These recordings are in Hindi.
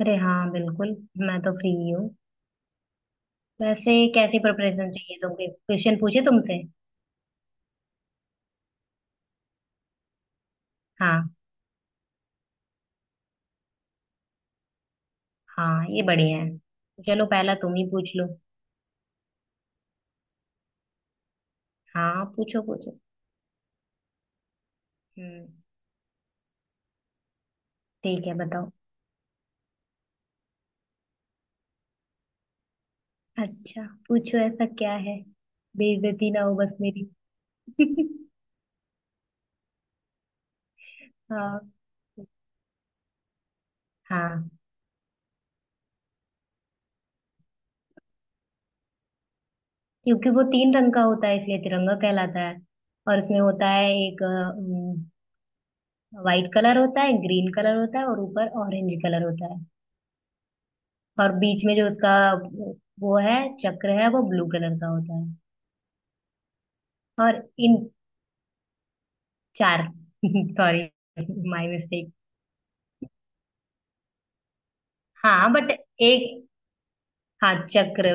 अरे हाँ बिल्कुल। मैं तो फ्री हूँ। वैसे कैसी प्रिपरेशन चाहिए तुमको, क्वेश्चन पूछे तुमसे? हाँ हाँ ये बढ़िया है। चलो पहला तुम ही पूछ लो। हाँ पूछो पूछो। हम्म। ठीक है बताओ। अच्छा पूछो ऐसा क्या है। बेइज्जती ना हो बस मेरी। हाँ हाँ। क्योंकि वो तीन रंग का होता है इसलिए तिरंगा कहलाता है। और उसमें होता है एक वाइट कलर होता है, ग्रीन कलर होता है और ऊपर ऑरेंज कलर होता है। और बीच में जो उसका वो है, चक्र है वो ब्लू कलर का होता है। और इन चार। Sorry my mistake. हाँ बट एक। हाँ चक्र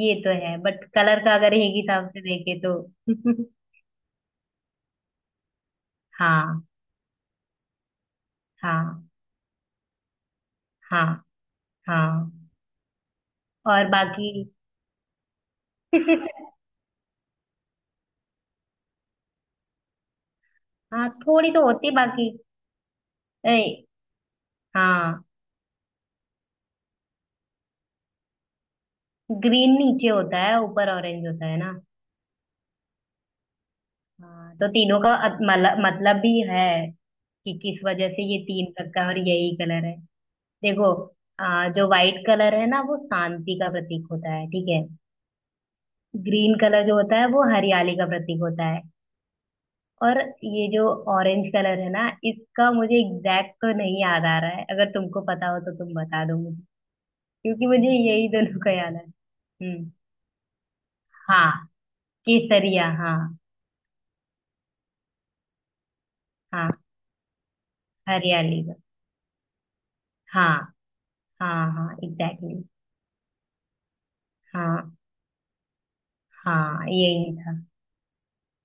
ये तो है बट कलर का अगर एक हिसाब से देखे तो। हाँ हाँ हाँ हाँ। और बाकी। हाँ थोड़ी तो होती है बाकी। ए, हाँ ग्रीन नीचे होता है ऊपर ऑरेंज होता है ना। हाँ तो तीनों का मतलब भी है, कि किस वजह से ये तीन रखा है और यही कलर है। देखो, जो व्हाइट कलर है ना वो शांति का प्रतीक होता है, ठीक है। ग्रीन कलर जो होता है वो हरियाली का प्रतीक होता है। और ये जो ऑरेंज कलर है ना, इसका मुझे एग्जैक्ट तो नहीं याद आ रहा है, अगर तुमको पता हो तो तुम बता दो मुझे, क्योंकि मुझे यही दोनों का याद है। हम्म। हाँ केसरिया हाँ। हाँ हरियाली का। हाँ हाँ हाँ एग्जैक्टली। हाँ हाँ यही था।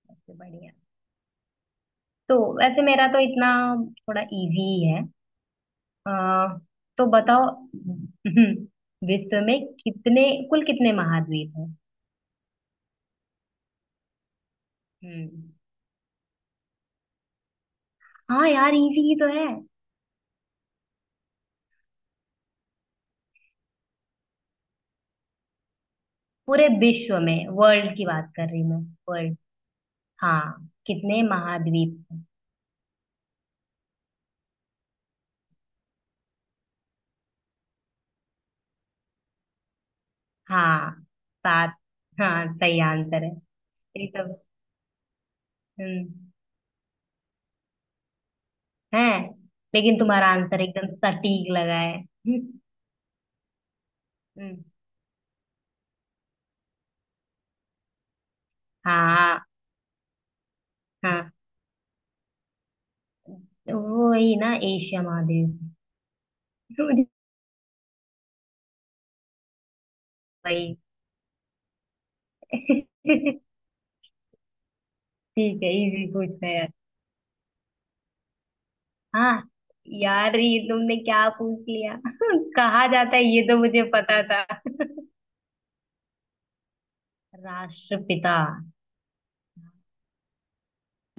सबसे बढ़िया। तो वैसे मेरा तो इतना थोड़ा इजी ही है। आ, तो बताओ, विश्व में कितने, कुल कितने महाद्वीप हैं? हम्म। हाँ यार इजी ही तो है। पूरे विश्व में, वर्ल्ड की बात कर रही मैं। वर्ल्ड। हाँ कितने महाद्वीप हैं? हाँ सात। हाँ सही आंसर है। ये तो। हम्म, है। लेकिन तुम्हारा आंसर एकदम सटीक लगा है। हम्म हाँ हाँ। वो वही ना, एशिया महादेव। रोड-। वही। ठीक है, इजी पूछना है यार। हाँ यार ये तुमने क्या पूछ लिया। कहाँ जाता है ये तो मुझे पता था। राष्ट्रपिता।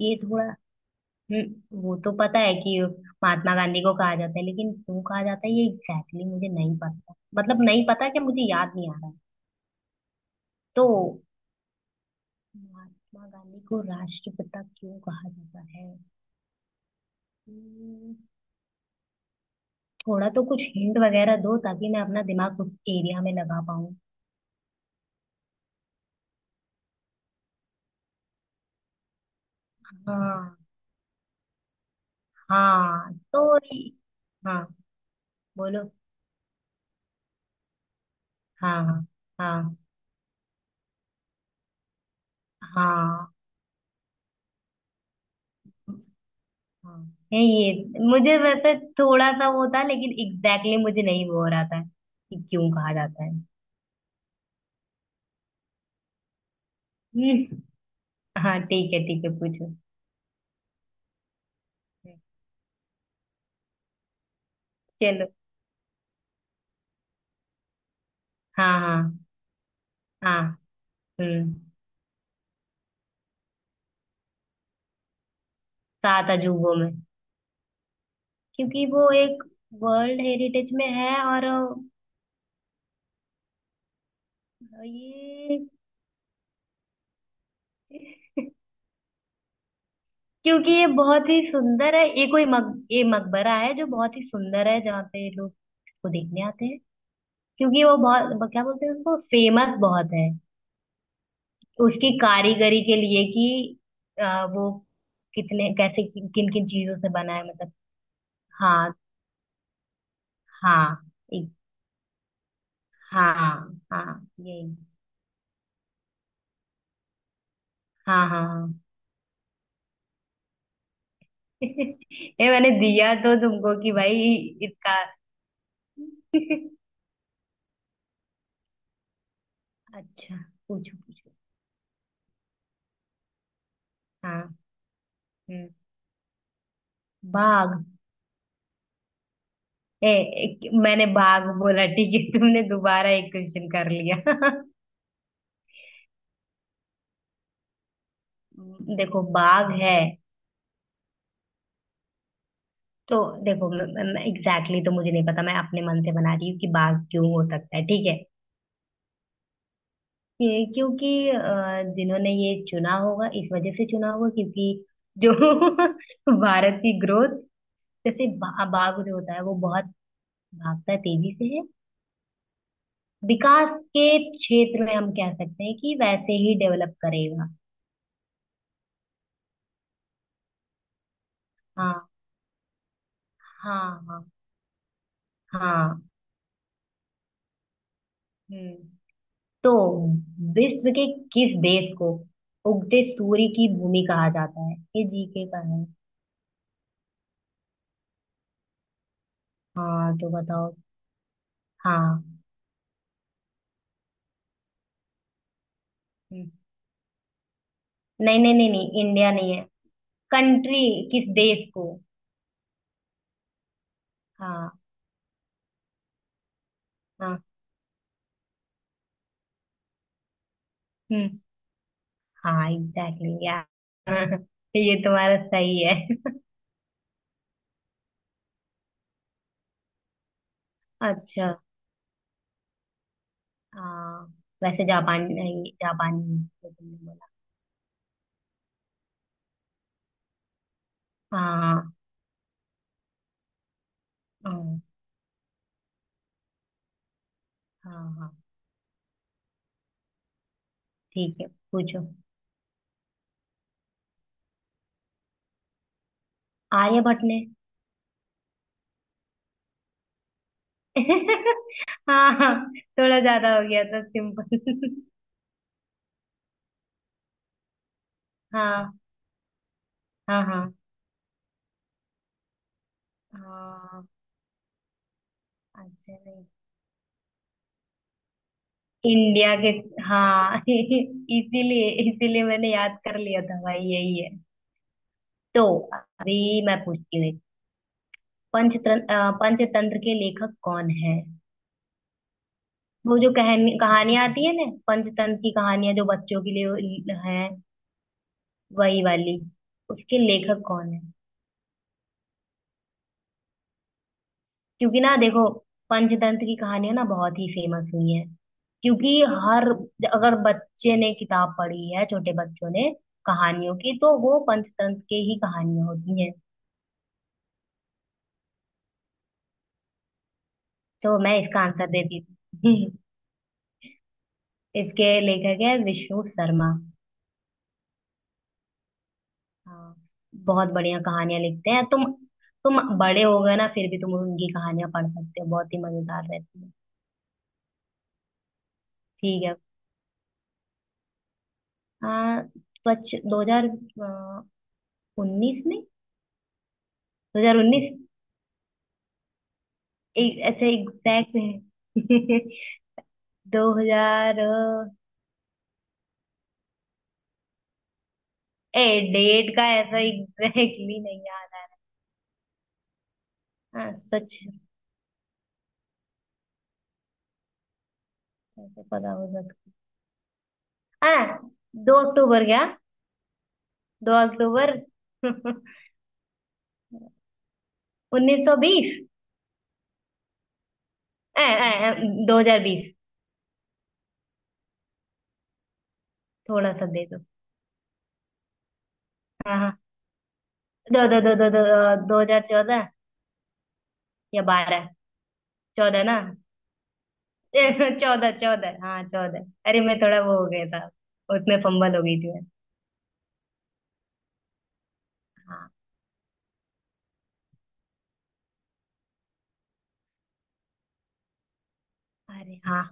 ये थोड़ा। वो तो पता है कि महात्मा गांधी को कहा जाता है, लेकिन क्यों कहा जाता है ये एग्जैक्टली exactly मुझे नहीं पता, मतलब नहीं पता, कि मुझे याद नहीं आ रहा है। तो महात्मा गांधी को राष्ट्रपिता क्यों कहा जाता है? हम्म, थोड़ा तो कुछ हिंट वगैरह दो ताकि मैं अपना दिमाग उस एरिया में लगा पाऊँ। हाँ हाँ तो ये-। हाँ बोलो। हाँ। हाँ हाँ। हाँ हाँ, है ये मुझे वैसे थोड़ा सा वो था, लेकिन एग्जैक्टली exactly मुझे नहीं वो हो रहा था कि क्यों कहा जाता है। हम्म, हाँ ठीक है पूछो। चलो। हाँ हाँ हाँ। हम्म। सात अजूबों में? क्योंकि वो एक वर्ल्ड हेरिटेज में है और ये। क्योंकि ये बहुत ही सुंदर है, ये कोई ये मकबरा है जो बहुत ही सुंदर है, जहाँ पे लोग इसको देखने आते हैं। क्योंकि वो बहुत, क्या बोलते हैं उसको, फेमस बहुत है। उसकी कारीगरी के लिए कि वो कितने कैसे किन किन चीजों से बना है मतलब। हाँ हाँ एक। हाँ हाँ यही। हाँ हाँ हाँ। ये मैंने दिया तो तुमको कि भाई इसका। अच्छा पूछो पूछो। हाँ। हम्म। बाघ। ए, मैंने बाघ बोला ठीक है, तुमने दोबारा एक क्वेश्चन कर लिया। देखो बाघ है। तो देखो एग्जैक्टली exactly तो मुझे नहीं पता, मैं अपने मन से बना रही हूँ कि बाघ क्यों हो सकता है, ठीक है। क्योंकि जिन्होंने ये चुना होगा इस वजह से चुना होगा, क्योंकि जो भारत की ग्रोथ, जैसे बाघ जो होता है वो बहुत भागता है तेजी से है। विकास के क्षेत्र में हम कह सकते हैं कि वैसे ही डेवलप करेगा। हाँ हाँ हाँ हाँ। हम्म। तो विश्व के किस देश को उगते सूर्य की भूमि कहा जाता है, ये जीके का है। हाँ तो बताओ। हाँ। हम्म, नहीं नहीं नहीं नहीं, इंडिया नहीं है। कंट्री। किस देश को। हाँ हाँ। हम्म। हाँ एग्जैक्टली यार, ये तुम्हारा सही है। अच्छा। हाँ। वैसे जापान नहीं, जापानी है, जो तुमने बोला। हाँ हाँ हाँ हाँ, ठीक है पूछो। आर्यभट्ट ने। हाँ हाँ थोड़ा ज्यादा हो गया था सिंपल। हाँ हाँ हाँ हाँ। अच्छा नहीं। इंडिया के। हाँ इसीलिए इसीलिए मैंने याद कर लिया था भाई यही है। तो अभी मैं पूछती हूँ। पंचतंत्र, पंचतंत्र के लेखक कौन है? वो जो कहानी कहानियां आती है ना, पंचतंत्र की कहानियां जो बच्चों के लिए है, वही वाली, उसके लेखक कौन है? क्योंकि ना देखो, पंचतंत्र की कहानियां ना बहुत ही फेमस हुई हैं, क्योंकि हर अगर बच्चे ने किताब पढ़ी है, छोटे बच्चों ने कहानियों की, तो वो पंचतंत्र के ही कहानियां होती हैं। तो मैं इसका आंसर देती हूँ। इसके लेखक है विष्णु शर्मा। हाँ बहुत बढ़िया कहानियां लिखते हैं, तुम। तुम बड़े हो गए ना, फिर भी तुम उनकी कहानियां पढ़ सकते हो, बहुत ही मजेदार रहती है। ठीक है। आ, स्वच्छ 2019 में। 2019। एक अच्छा एग्जैक्ट है। दो हजार। ए। डेट का ऐसा एग्जैक्टली नहीं याद आ रहा। हाँ सच है, ऐसे पता हो सकता। हाँ। 2 अक्टूबर क्या? 2 अक्टूबर। 1920। 2020। थोड़ा सा दे दो। हाँ हाँ। दो दो दो दो दो दो हजार चौदह, या 12, 14 ना? चौदह चौदह हाँ चौदह, अरे मैं थोड़ा वो हो गया था, उसमें फंबल हो गई थी मैं। हाँ। अरे हाँ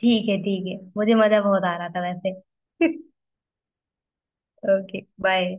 ठीक है ठीक है, मुझे मजा बहुत आ रहा था वैसे। Okay bye.